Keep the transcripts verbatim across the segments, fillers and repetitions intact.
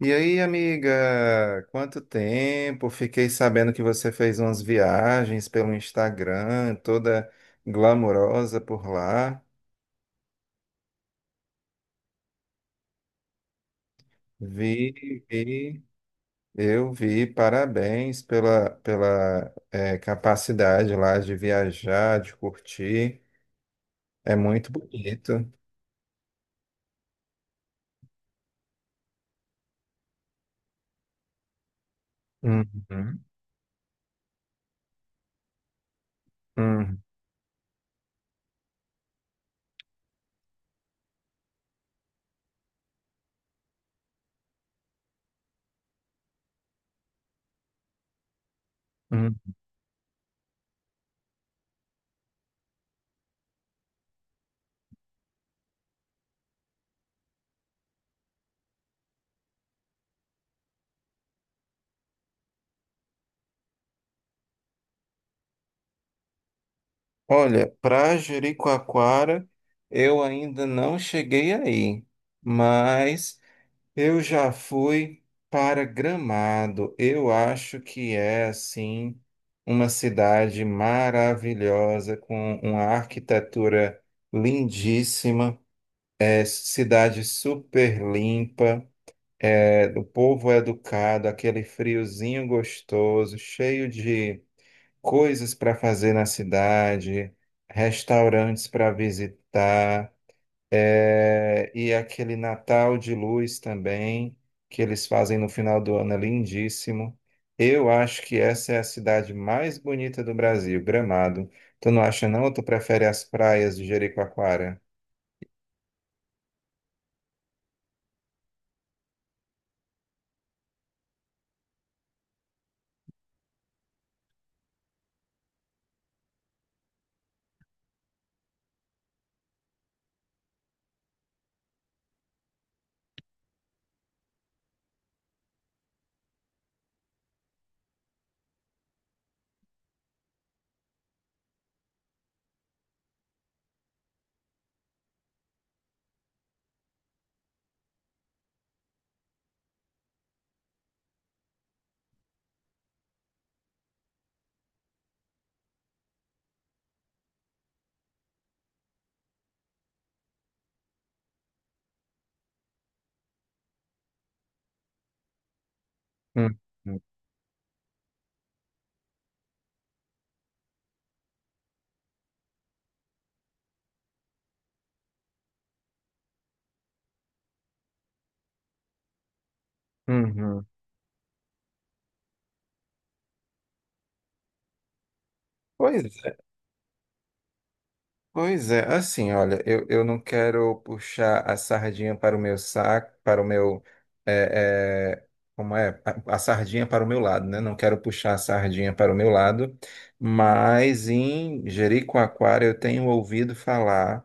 E aí, amiga, quanto tempo? Fiquei sabendo que você fez umas viagens pelo Instagram, toda glamourosa por lá. Vi, vi, eu vi. Parabéns pela, pela eh, capacidade lá de viajar, de curtir. É muito bonito. Uhum, uhum, uhum. Olha, para Jericoacoara, eu ainda não cheguei aí, mas eu já fui para Gramado. Eu acho que é assim uma cidade maravilhosa com uma arquitetura lindíssima, é cidade super limpa, é, o povo é educado, aquele friozinho gostoso, cheio de coisas para fazer na cidade, restaurantes para visitar. É, e aquele Natal de Luz também, que eles fazem no final do ano, é lindíssimo. Eu acho que essa é a cidade mais bonita do Brasil, Gramado. Tu não acha, não? Ou tu prefere as praias de Jericoacoara? Hum, hum, Uhum. Pois é. Pois é, assim, olha, eu, eu não quero puxar a sardinha para o meu saco, para o meu, é, é, como é? A, a sardinha para o meu lado, né? Não quero puxar a sardinha para o meu lado, mas em Jericoacoara eu tenho ouvido falar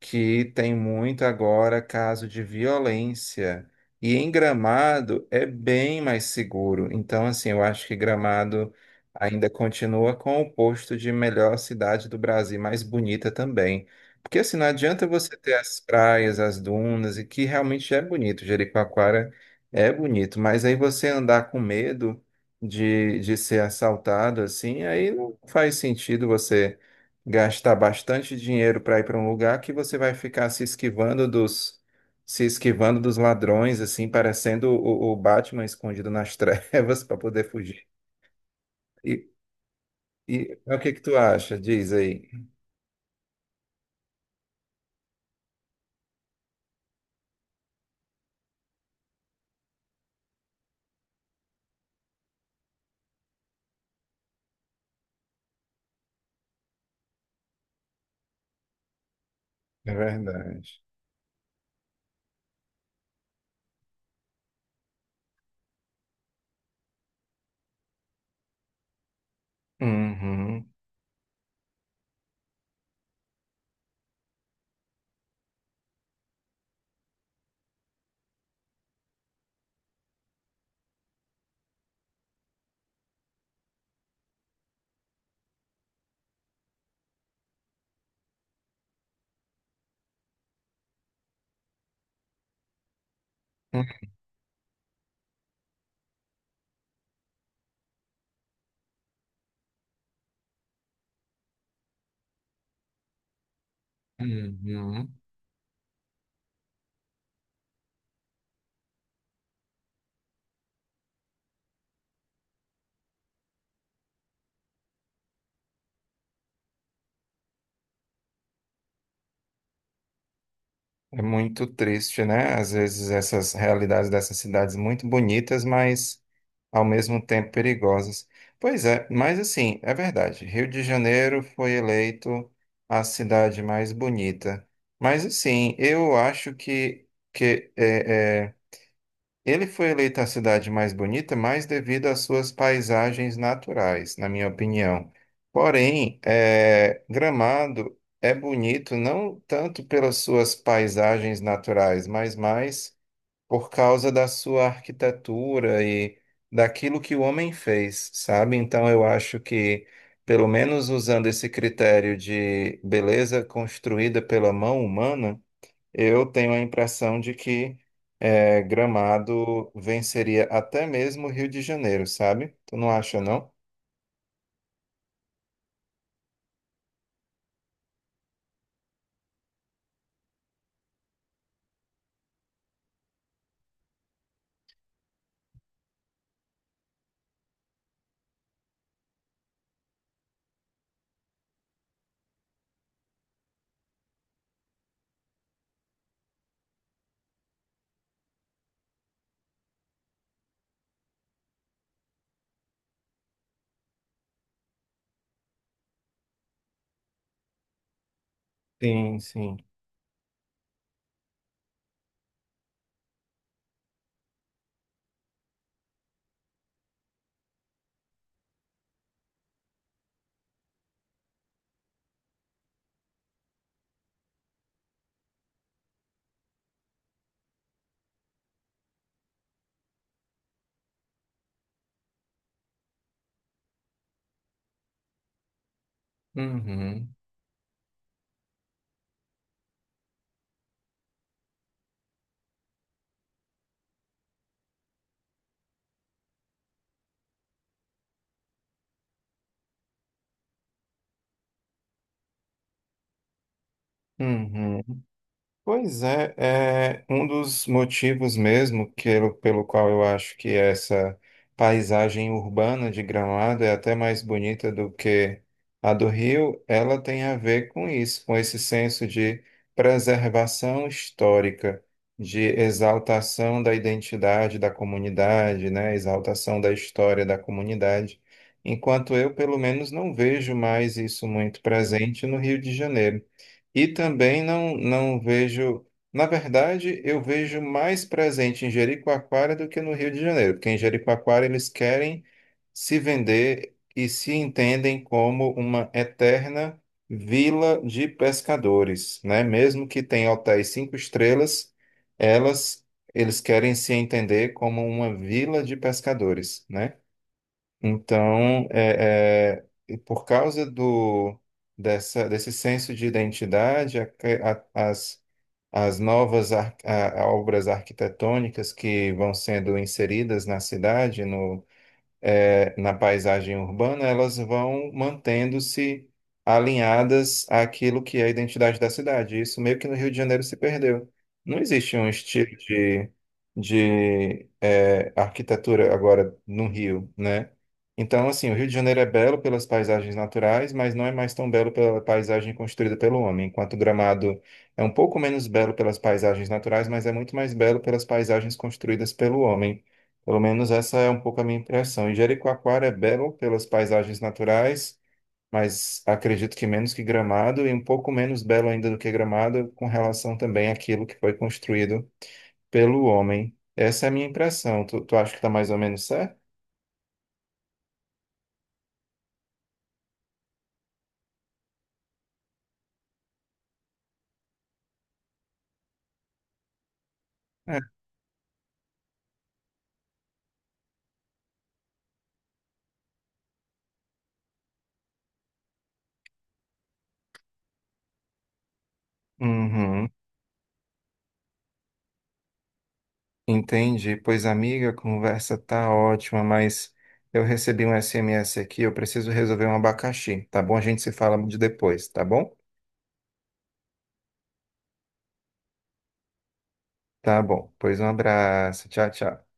que tem muito agora caso de violência. E em Gramado é bem mais seguro. Então, assim, eu acho que Gramado ainda continua com o posto de melhor cidade do Brasil, mais bonita também. Porque, assim, não adianta você ter as praias, as dunas, e que realmente é bonito. Jericoacoara é bonito, mas aí você andar com medo de, de ser assaltado, assim, aí não faz sentido você gastar bastante dinheiro para ir para um lugar que você vai ficar se esquivando dos se esquivando dos ladrões, assim, parecendo o, o Batman escondido nas trevas para poder fugir. E, e o que que tu acha? Diz aí. É verdade. Uhum. Uhum. É muito triste, né? Às vezes essas realidades dessas cidades muito bonitas, mas ao mesmo tempo perigosas. Pois é, mas assim, é verdade. Rio de Janeiro foi eleito a cidade mais bonita. Mas assim, eu acho que, que é, é, ele foi eleita a cidade mais bonita mais devido às suas paisagens naturais, na minha opinião. Porém, eh, Gramado é bonito não tanto pelas suas paisagens naturais, mas mais por causa da sua arquitetura e daquilo que o homem fez, sabe? Então, eu acho que, pelo menos usando esse critério de beleza construída pela mão humana, eu tenho a impressão de que é, Gramado venceria até mesmo o Rio de Janeiro, sabe? Tu não acha, não? Sim, sim. Uhum, uhum. Pois é, é um dos motivos mesmo pelo, pelo qual eu acho que essa paisagem urbana de Gramado é até mais bonita do que a do Rio, ela tem a ver com isso, com esse senso de preservação histórica, de exaltação da identidade da comunidade, né? Exaltação da história da comunidade. Enquanto eu, pelo menos, não vejo mais isso muito presente no Rio de Janeiro. E também não, não vejo. Na verdade, eu vejo mais presente em Jericoacoara do que no Rio de Janeiro, porque em Jericoacoara eles querem se vender e se entendem como uma eterna vila de pescadores, né? Mesmo que tenha hotéis cinco estrelas, elas, eles querem se entender como uma vila de pescadores, né? Então, é, é, e por causa do, dessa, desse senso de identidade, a- a- as, as novas ar- a- a obras arquitetônicas que vão sendo inseridas na cidade, eh, na paisagem urbana, elas vão mantendo-se alinhadas àquilo que é a identidade da cidade. Isso meio que no Rio de Janeiro se perdeu. Não existe um estilo de, de eh, arquitetura agora no Rio, né? Então, assim, o Rio de Janeiro é belo pelas paisagens naturais, mas não é mais tão belo pela paisagem construída pelo homem, enquanto Gramado é um pouco menos belo pelas paisagens naturais, mas é muito mais belo pelas paisagens construídas pelo homem. Pelo menos essa é um pouco a minha impressão. E Jericoacoara é belo pelas paisagens naturais, mas acredito que menos que Gramado e um pouco menos belo ainda do que Gramado com relação também àquilo que foi construído pelo homem. Essa é a minha impressão. Tu, tu acha que está mais ou menos certo? É. Uhum. Entendi. Pois, amiga, a conversa tá ótima, mas eu recebi um S M S aqui, eu preciso resolver um abacaxi, tá bom? A gente se fala de depois, tá bom? Tá bom. Pois um abraço. Tchau, tchau.